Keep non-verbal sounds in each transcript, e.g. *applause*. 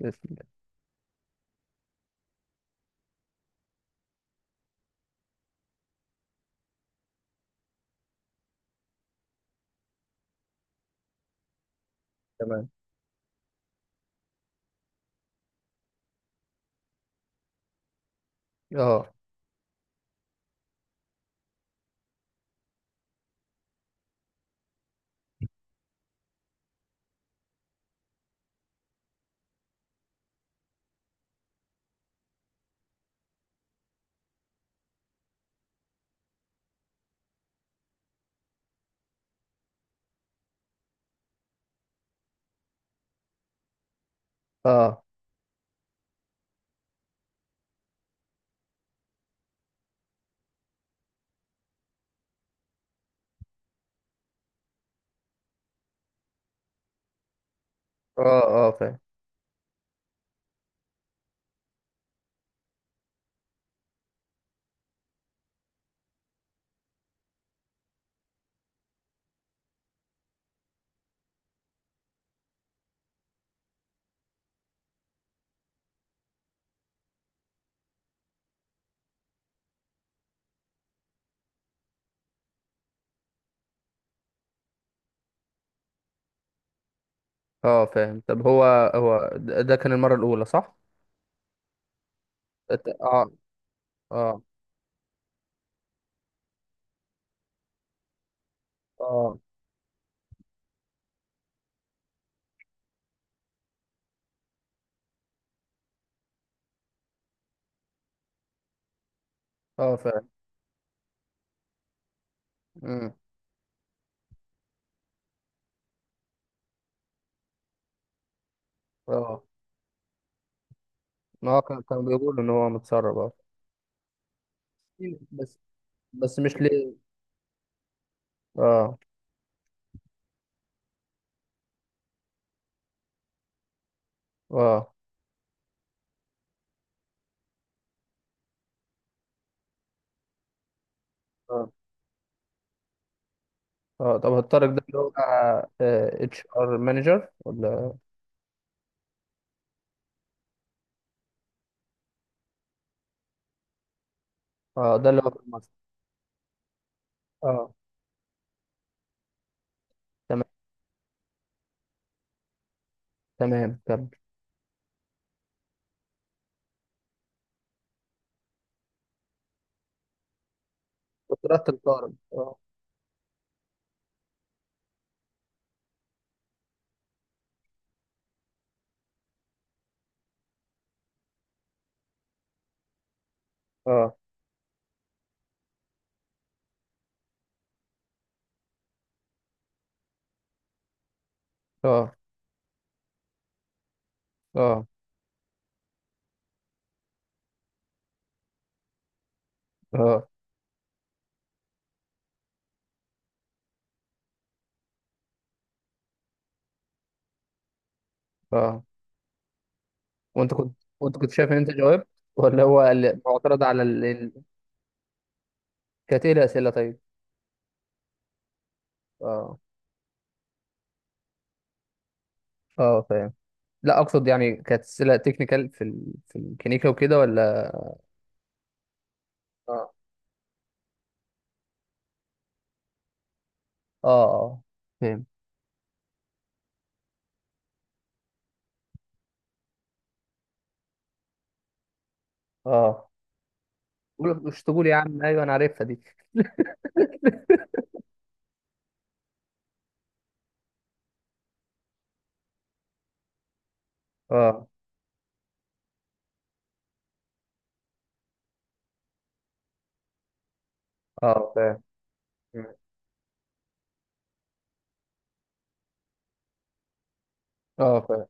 يسلم. تمام. اه، اه، اه، اه، فاهم. اه، فاهم. طب، هو ده كان المرة الأولى، صح؟ اه، اه، اه، اه، فاهم. مم. اه، ما هو كان بيقول إن هو متسرب، اه. بس بس مش ليه. اه، اه، اه، اه، طب هو الطارق ده اللي هو HR مانجر، ولا؟ اه، ده اللي هو في مصر. اه، تمام، تمام، كمل. وترتب طارق. اه، اه، اه، اه، اه، اه، وانت كنت شايف ان انت جاوبت، ولا هو معترض على كانت ايه الاسئله، طيب؟ اه، اه، فاهم. لا، اقصد يعني، كانت اسئله تكنيكال في الكنيكا وكده، ولا؟ اه، اه، اه، فاهم. اه، قول، مش تقول يا عم ايوه انا عارفها دي. *laughs* اه، اه، فاهم. مم. اه، فاهم.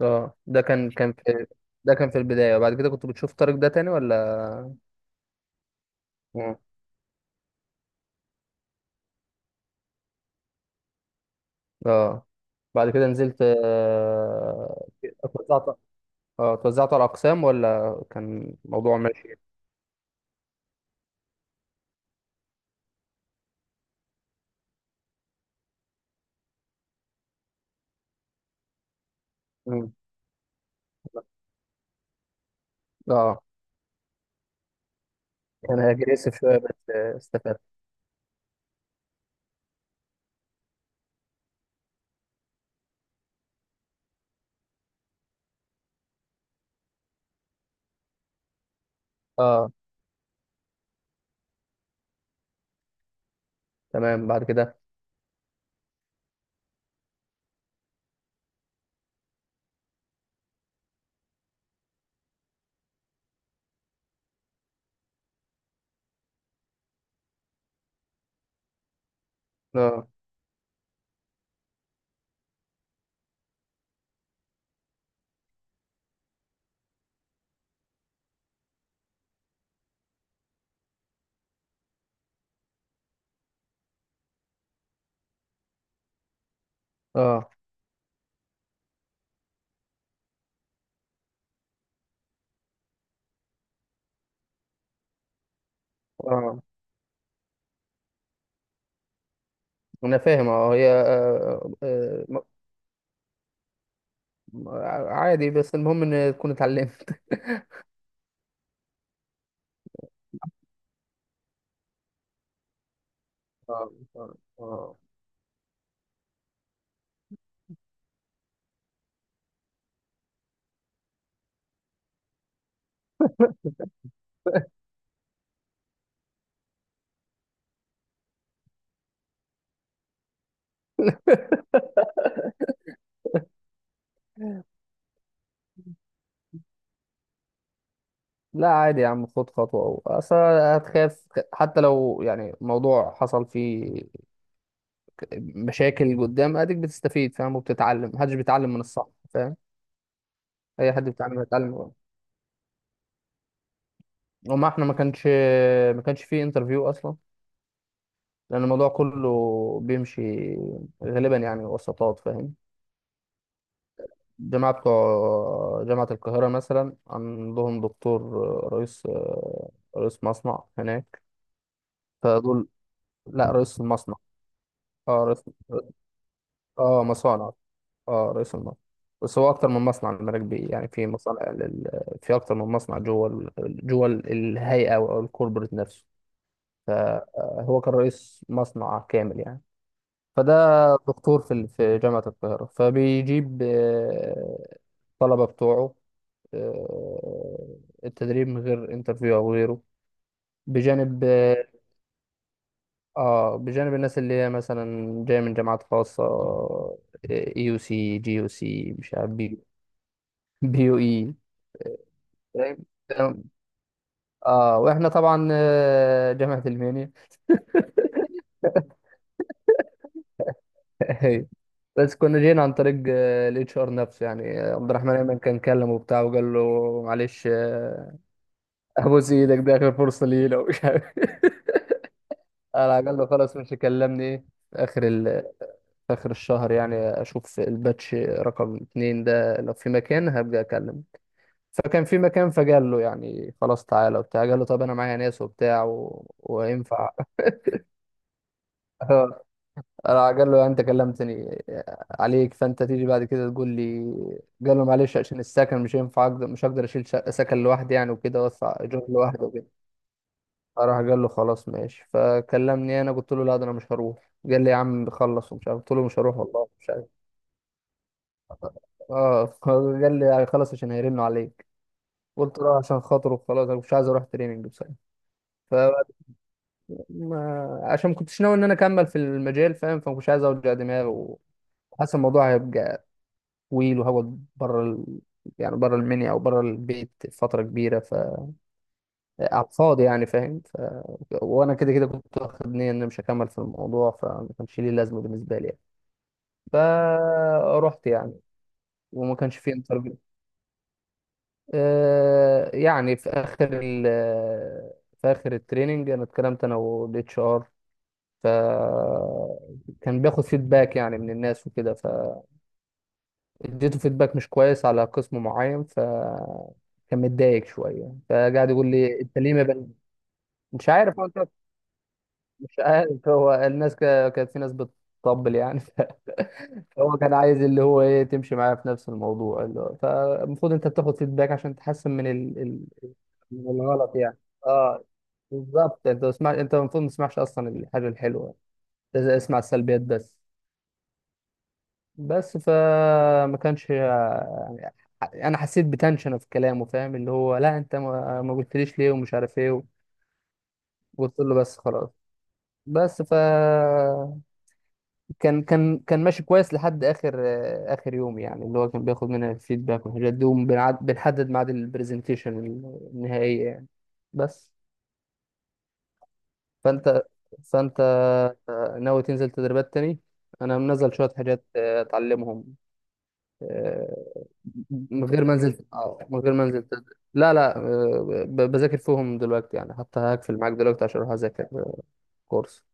اه، ده كان في، ده كان في البدايه، وبعد كده كنت بتشوف طارق ده تاني، ولا؟ مم. اه، بعد كده نزلت. آه، اه، توزعته على اقسام، ولا كان الموضوع ماشي؟ مم. اه، كان اجريسيف شويه، بس استفدت. اه، تمام. بعد كده؟ اه، اه، اه، انا فاهم. اه، هي، م- عادي، بس المهم ان تكون اتعلمت. *laughs* اه، اه، آه. *laughs* لا، عادي يا عم، خد خطوة. أو أصل هتخاف، حتى لو يعني موضوع حصل فيه مشاكل قدام أديك بتستفيد، فاهم، وبتتعلم. محدش بيتعلم من الصح، فاهم، أي حد بيتعلم هيتعلم. وما احنا، ما كانش فيه انترفيو اصلا، لان الموضوع كله بيمشي غالبا يعني وسطات، فاهم. الجماعه بتوع جامعه القاهره مثلا عندهم دكتور، رئيس رئيس مصنع هناك، فدول. لا، رئيس المصنع. اه، رئيس، اه، مصانع. اه، رئيس المصنع. بس هو اكتر من مصنع المراكب، بي يعني في مصانع في اكتر من مصنع جوه الهيئه او الكوربريت نفسه. فهو كان رئيس مصنع كامل يعني. فده دكتور في جامعة القاهرة، فبيجيب الطلبة بتوعه آه، التدريب من غير انترفيو أو غيره، بجانب اه، بجانب الناس اللي هي مثلا جاية من جامعات خاصة، AUC، GUC، مش عارف، بي، BUE. فاهم. تمام. اه، واحنا طبعا جامعة المنيا. *laughs* هي. بس كنا جينا عن طريق الـHR نفسه يعني، عبد الرحمن ايمن كان كلمه وبتاع، وقال له معلش، ابوس ايدك، دي اخر فرصه ليه لو مش عارف. *laughs* على عجل خلاص. مش كلمني ايه في اخر ال... في اخر الشهر يعني، اشوف الباتش رقم 2 ده، لو في مكان هبقى اكلمه. فكان في مكان، فقال له يعني خلاص تعالى وبتاع. قال له طب انا معايا ناس وبتاع وينفع؟ *laughs* راح قال له انت كلمتني عليك، فانت تيجي بعد كده تقول لي؟ قال له معلش، عشان السكن مش هينفع، اقدر، مش هقدر اشيل سكن لوحدي يعني، وكده، وادفع ايجار لوحدي. راح قال له خلاص، ماشي، فكلمني انا. قلت له لا، ده انا مش هروح. قال لي يا عم، خلص، ومش عارف. قلت له مش هروح والله، مش عارف. اه. *laughs* قال لي خلاص، عشان هيرنوا عليك. قلت له عشان خاطره، خلاص، انا مش عايز اروح تريننج بصراحه. ف ما- عشان ما كنتش ناوي ان انا اكمل في المجال، فاهم، فمش عايز اوجع دماغي. وحاسس الموضوع هيبقى طويل، وهقعد بره يعني بره المنيا او بره البيت فتره كبيره، على الفاضي يعني، فاهم. وانا كده كده كنت واخد نيه ان انا مش هكمل في الموضوع، فما كانش ليه لازمه بالنسبه لي يعني. فرحت يعني، وما كانش فيه انترفيو. آه، يعني في اخر التريننج انا اتكلمت انا والاتش ار. ف كان بياخد فيدباك يعني من الناس وكده، فاديته فيدباك مش كويس على قسم معين. كان متضايق شويه، فقعد يقول لي انت ليه ما مش عارف، مش عارف. هو الناس كانت في ناس بتطبل يعني، *laughs* فهو كان عايز اللي هو ايه تمشي معاه في نفس الموضوع اللي هو، فالمفروض انت بتاخد فيدباك عشان تحسن من من الغلط يعني. اه، بالظبط. انت اسمع، انت المفروض ما تسمعش اصلا الحاجه الحلوه، لازم اسمع السلبيات بس. بس، فما كانش يعني، انا حسيت بتنشن في كلامه، فاهم، اللي هو لا، انت ما قلتليش ليه ومش عارف ايه. قلت له بس، خلاص. بس، كان ماشي كويس لحد اخر، اخر يوم يعني، اللي هو كان بياخد مننا الفيدباك والحاجات دي، وبنعد- بنحدد ميعاد البرزنتيشن النهائية يعني. بس، فانت فانت ناوي تنزل تدريبات تاني؟ انا منزل شوية حاجات اتعلمهم. آه، من غير ما انزل، لا، لا، بذاكر فيهم دلوقتي يعني. حتى هقفل معاك دلوقتي عشان اروح اذاكر كورس.